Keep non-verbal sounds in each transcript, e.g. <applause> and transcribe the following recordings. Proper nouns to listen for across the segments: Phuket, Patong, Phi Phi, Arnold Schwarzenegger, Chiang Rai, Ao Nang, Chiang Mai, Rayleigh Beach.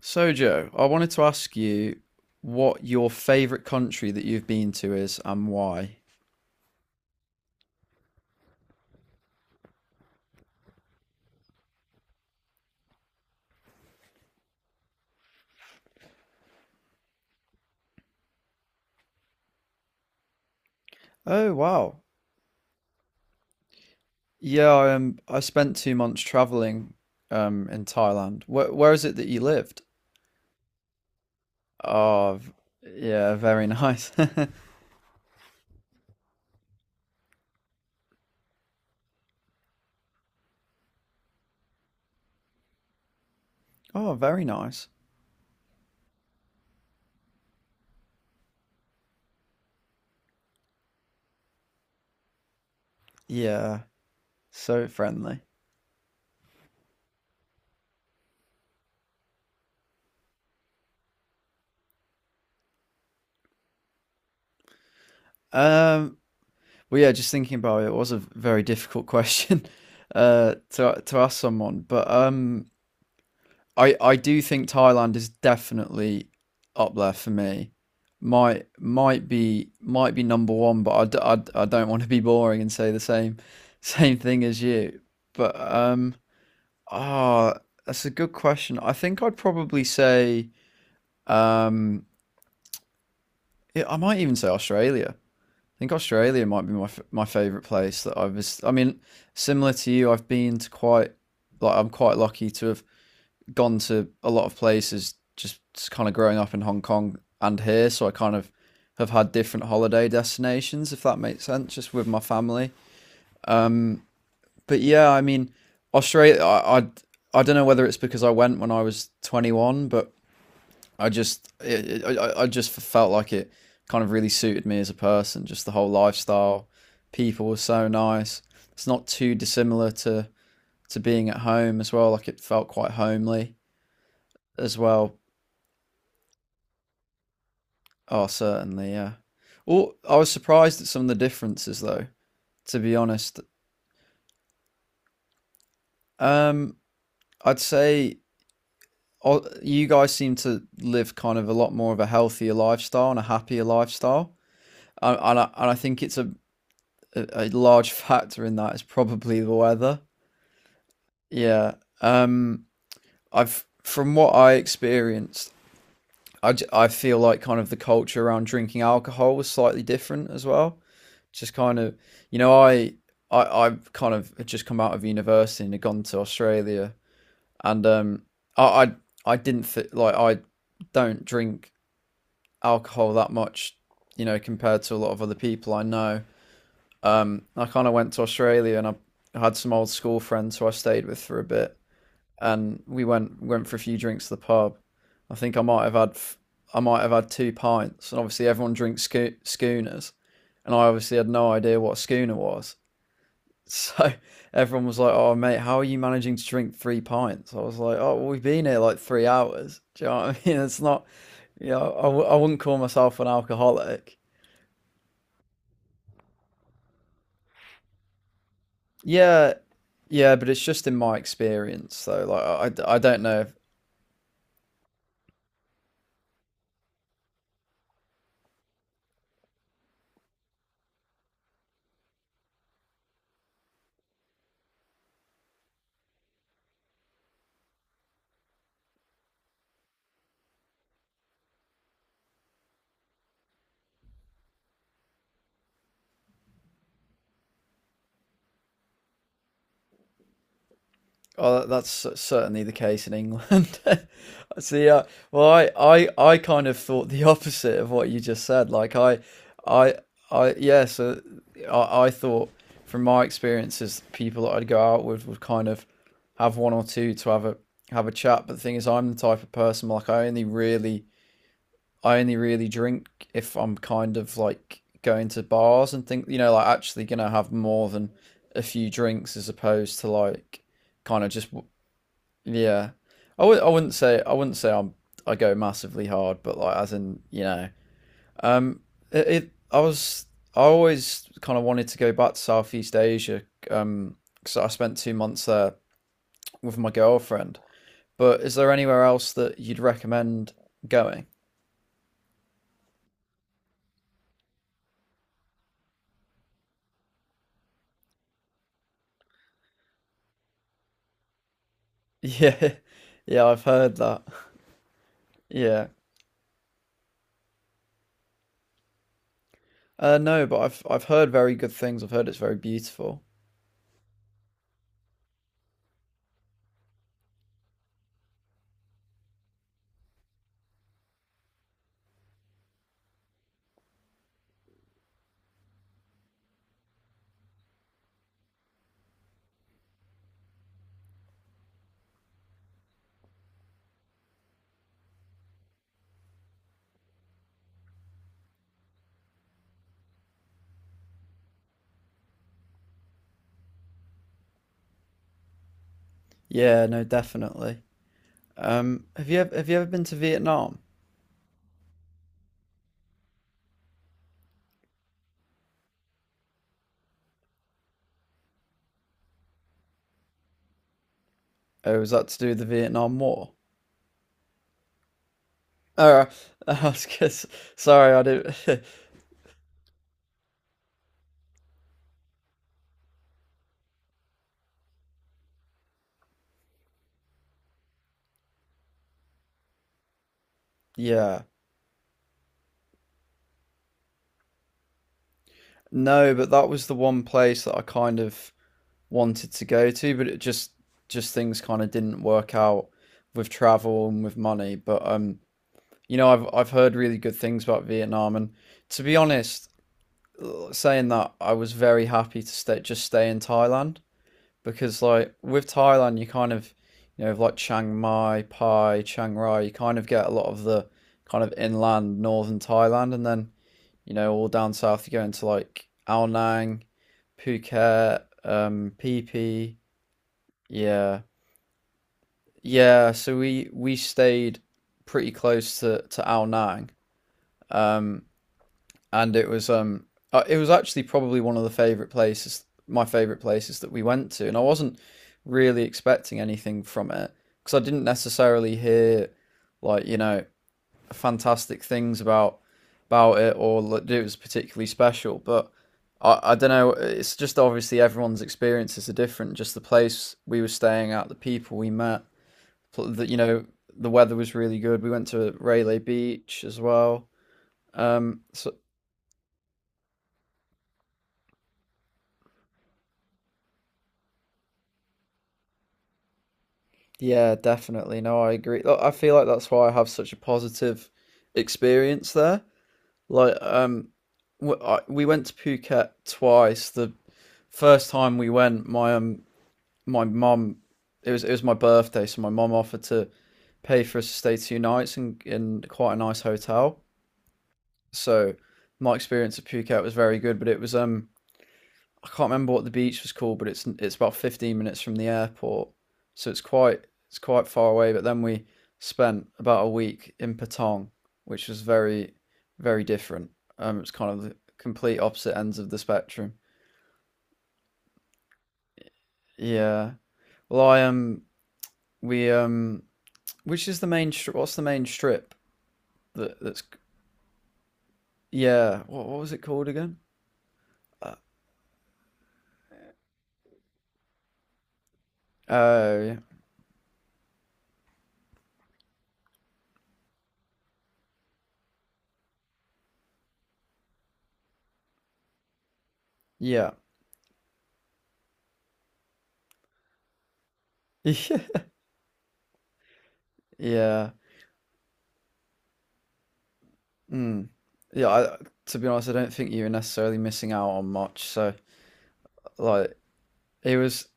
So, Joe, I wanted to ask you what your favorite country that you've been to is and why. Oh, wow. Yeah, I spent 2 months traveling in Thailand. Where is it that you lived? Oh, v- yeah, very nice. <laughs> Oh, very nice. Yeah, so friendly. Um, well, yeah, just thinking about it, it was a very difficult question <laughs> to ask someone, but I do think Thailand is definitely up there for me. Might be number one, but I don't want to be boring and say the same <laughs> same thing as you. But ah That's a good question. I think I'd probably say um yeah, I might even say Australia. I think Australia might be my favorite place that I mean similar to you, I've been to quite like I'm quite lucky to have gone to a lot of places just kind of growing up in Hong Kong and here, so I kind of have had different holiday destinations, if that makes sense, just with my family. But yeah, I mean, Australia, I don't know whether it's because I went when I was 21, but I just felt like it kind of really suited me as a person, just the whole lifestyle. People were so nice. It's not too dissimilar to being at home as well. Like it felt quite homely as well. Oh, certainly, yeah. Well, I was surprised at some of the differences, though, to be honest. Um, I'd say you guys seem to live kind of a lot more of a healthier lifestyle and a happier lifestyle. And I think it's a large <laughs> factor in that is probably the weather. Yeah. Um, from what I experienced, I feel like kind of the culture around drinking alcohol was slightly different as well. Just kind of, you know, I, I've kind of had just come out of university and had gone to Australia, and I, I, I didn't fit like I don't drink alcohol that much, you know, compared to a lot of other people I know. I kind of went to Australia and I had some old school friends who I stayed with for a bit, and we went for a few drinks to the pub. I think I might have had 2 pints, and obviously everyone drinks schooners, and I obviously had no idea what a schooner was. So everyone was like, "Oh, mate, how are you managing to drink 3 pints?" I was like, "Oh, well, we've been here like 3 hours." <laughs> Do you know what I mean? It's not, I wouldn't call myself an alcoholic. Yeah, yeah, but it's just in my experience, though. Like, I don't know if oh, that's certainly the case in England. <laughs> See, uh, well, I kind of thought the <laughs> opposite of what you just said. I, yeah. So, I thought from my experiences, people that I'd go out with would kind of have one or two to have a chat. But the thing is, I'm the type of person like I only really drink if I'm kind of like going to bars and think, you know, like actually gonna have more than a few drinks as opposed to like kind of just yeah, I w- I wouldn't say I'm I go massively hard, but like as in you know, um, it, it I was I always kind of wanted to go back to Southeast Asia, because I spent 2 months there with my girlfriend. But is there anywhere else that you'd recommend going? <laughs> Yeah, yeah, I've heard that. Yeah, no, but I've heard very good things. I've heard it's very beautiful. Yeah, no, definitely. Have you ever been to Vietnam? Oh, was that to do with the Vietnam War? Oh, <laughs> I was just, sorry, I didn't. <laughs> Yeah. No, but that was the one place that I kind of wanted to go to, but it just things kind of didn't work out with travel and with money. But you know, I've heard really good things about Vietnam, and to be honest, saying that, I was very happy to stay just stay in Thailand. Because like with Thailand, you kind of you know like Chiang Mai, Pai, Chiang Rai, you kind of get a lot of the kind of inland northern Thailand, and then you know all down south you go into like Ao Nang, Phuket, Phi Phi. Yeah, yeah. So we stayed pretty close to Ao Nang. Um, and it was actually probably one of the favorite places my favorite places that we went to and I wasn't really expecting anything from it because I didn't necessarily hear like you know fantastic things about it or that it was particularly special but I don't know it's just obviously everyone's experiences are different just the place we were staying at the people we met you know the weather was really good we went to Rayleigh Beach as well so yeah, definitely. No, I agree. Look, I feel like that's why I have such a positive experience there. Like, w I we went to Phuket twice. The first time we went, my mum, it was my birthday, so my mum offered to pay for us to stay 2 nights in quite a nice hotel. So my experience at Phuket was very good, but it was I can't remember what the beach was called, but it's about 15 minutes from the airport, so it's quite far away. But then we spent about a week in Patong, which was very very different. It's kind of the complete opposite ends of the spectrum. Yeah. Well, I we which is the main stri- What's the main strip that that's yeah what was it called again? Uh, Oh yeah yeah. <laughs> yeah. Mm. Yeah, I, to be honest, I don't think you were necessarily missing out on much. So, like, it was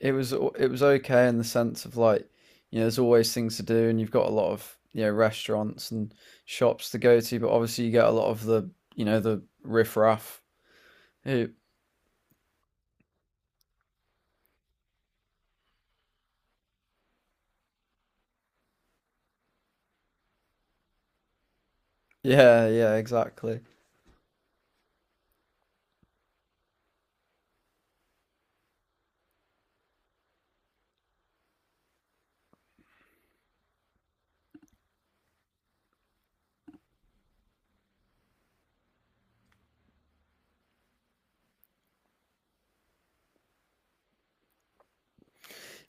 it was it was okay in the sense of like, you know, there's always things to do, and you've got a lot of you know restaurants and shops to go to, but obviously you get a lot of the you know the riffraff who. Yeah, yeah, exactly.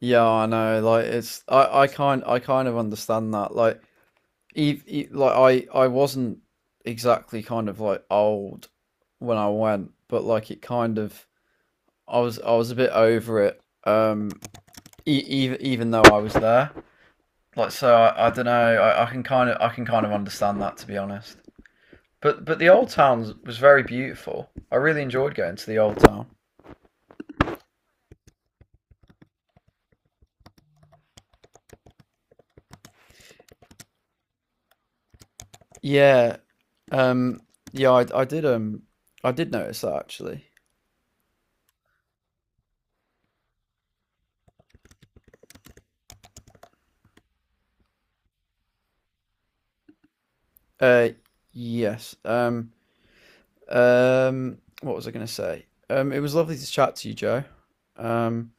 Yeah, I know. Like, it's I kind of understand that. Like, ev e like I wasn't exactly kind of like old when I went, but like it kind of I was a bit over it. Even even though I was there, like so, I don't know. I can kind of understand that to be honest. But the old town was very beautiful. I really enjoyed going to the old town. Yeah. Um. Yeah. I did notice that actually. Uh. Yes. What was I going to say? It was lovely to chat to you, Joe. Um.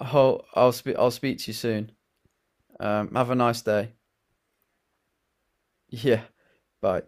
I'll speak I'll speak to you soon. Have a nice day. <laughs> Yeah. Bye.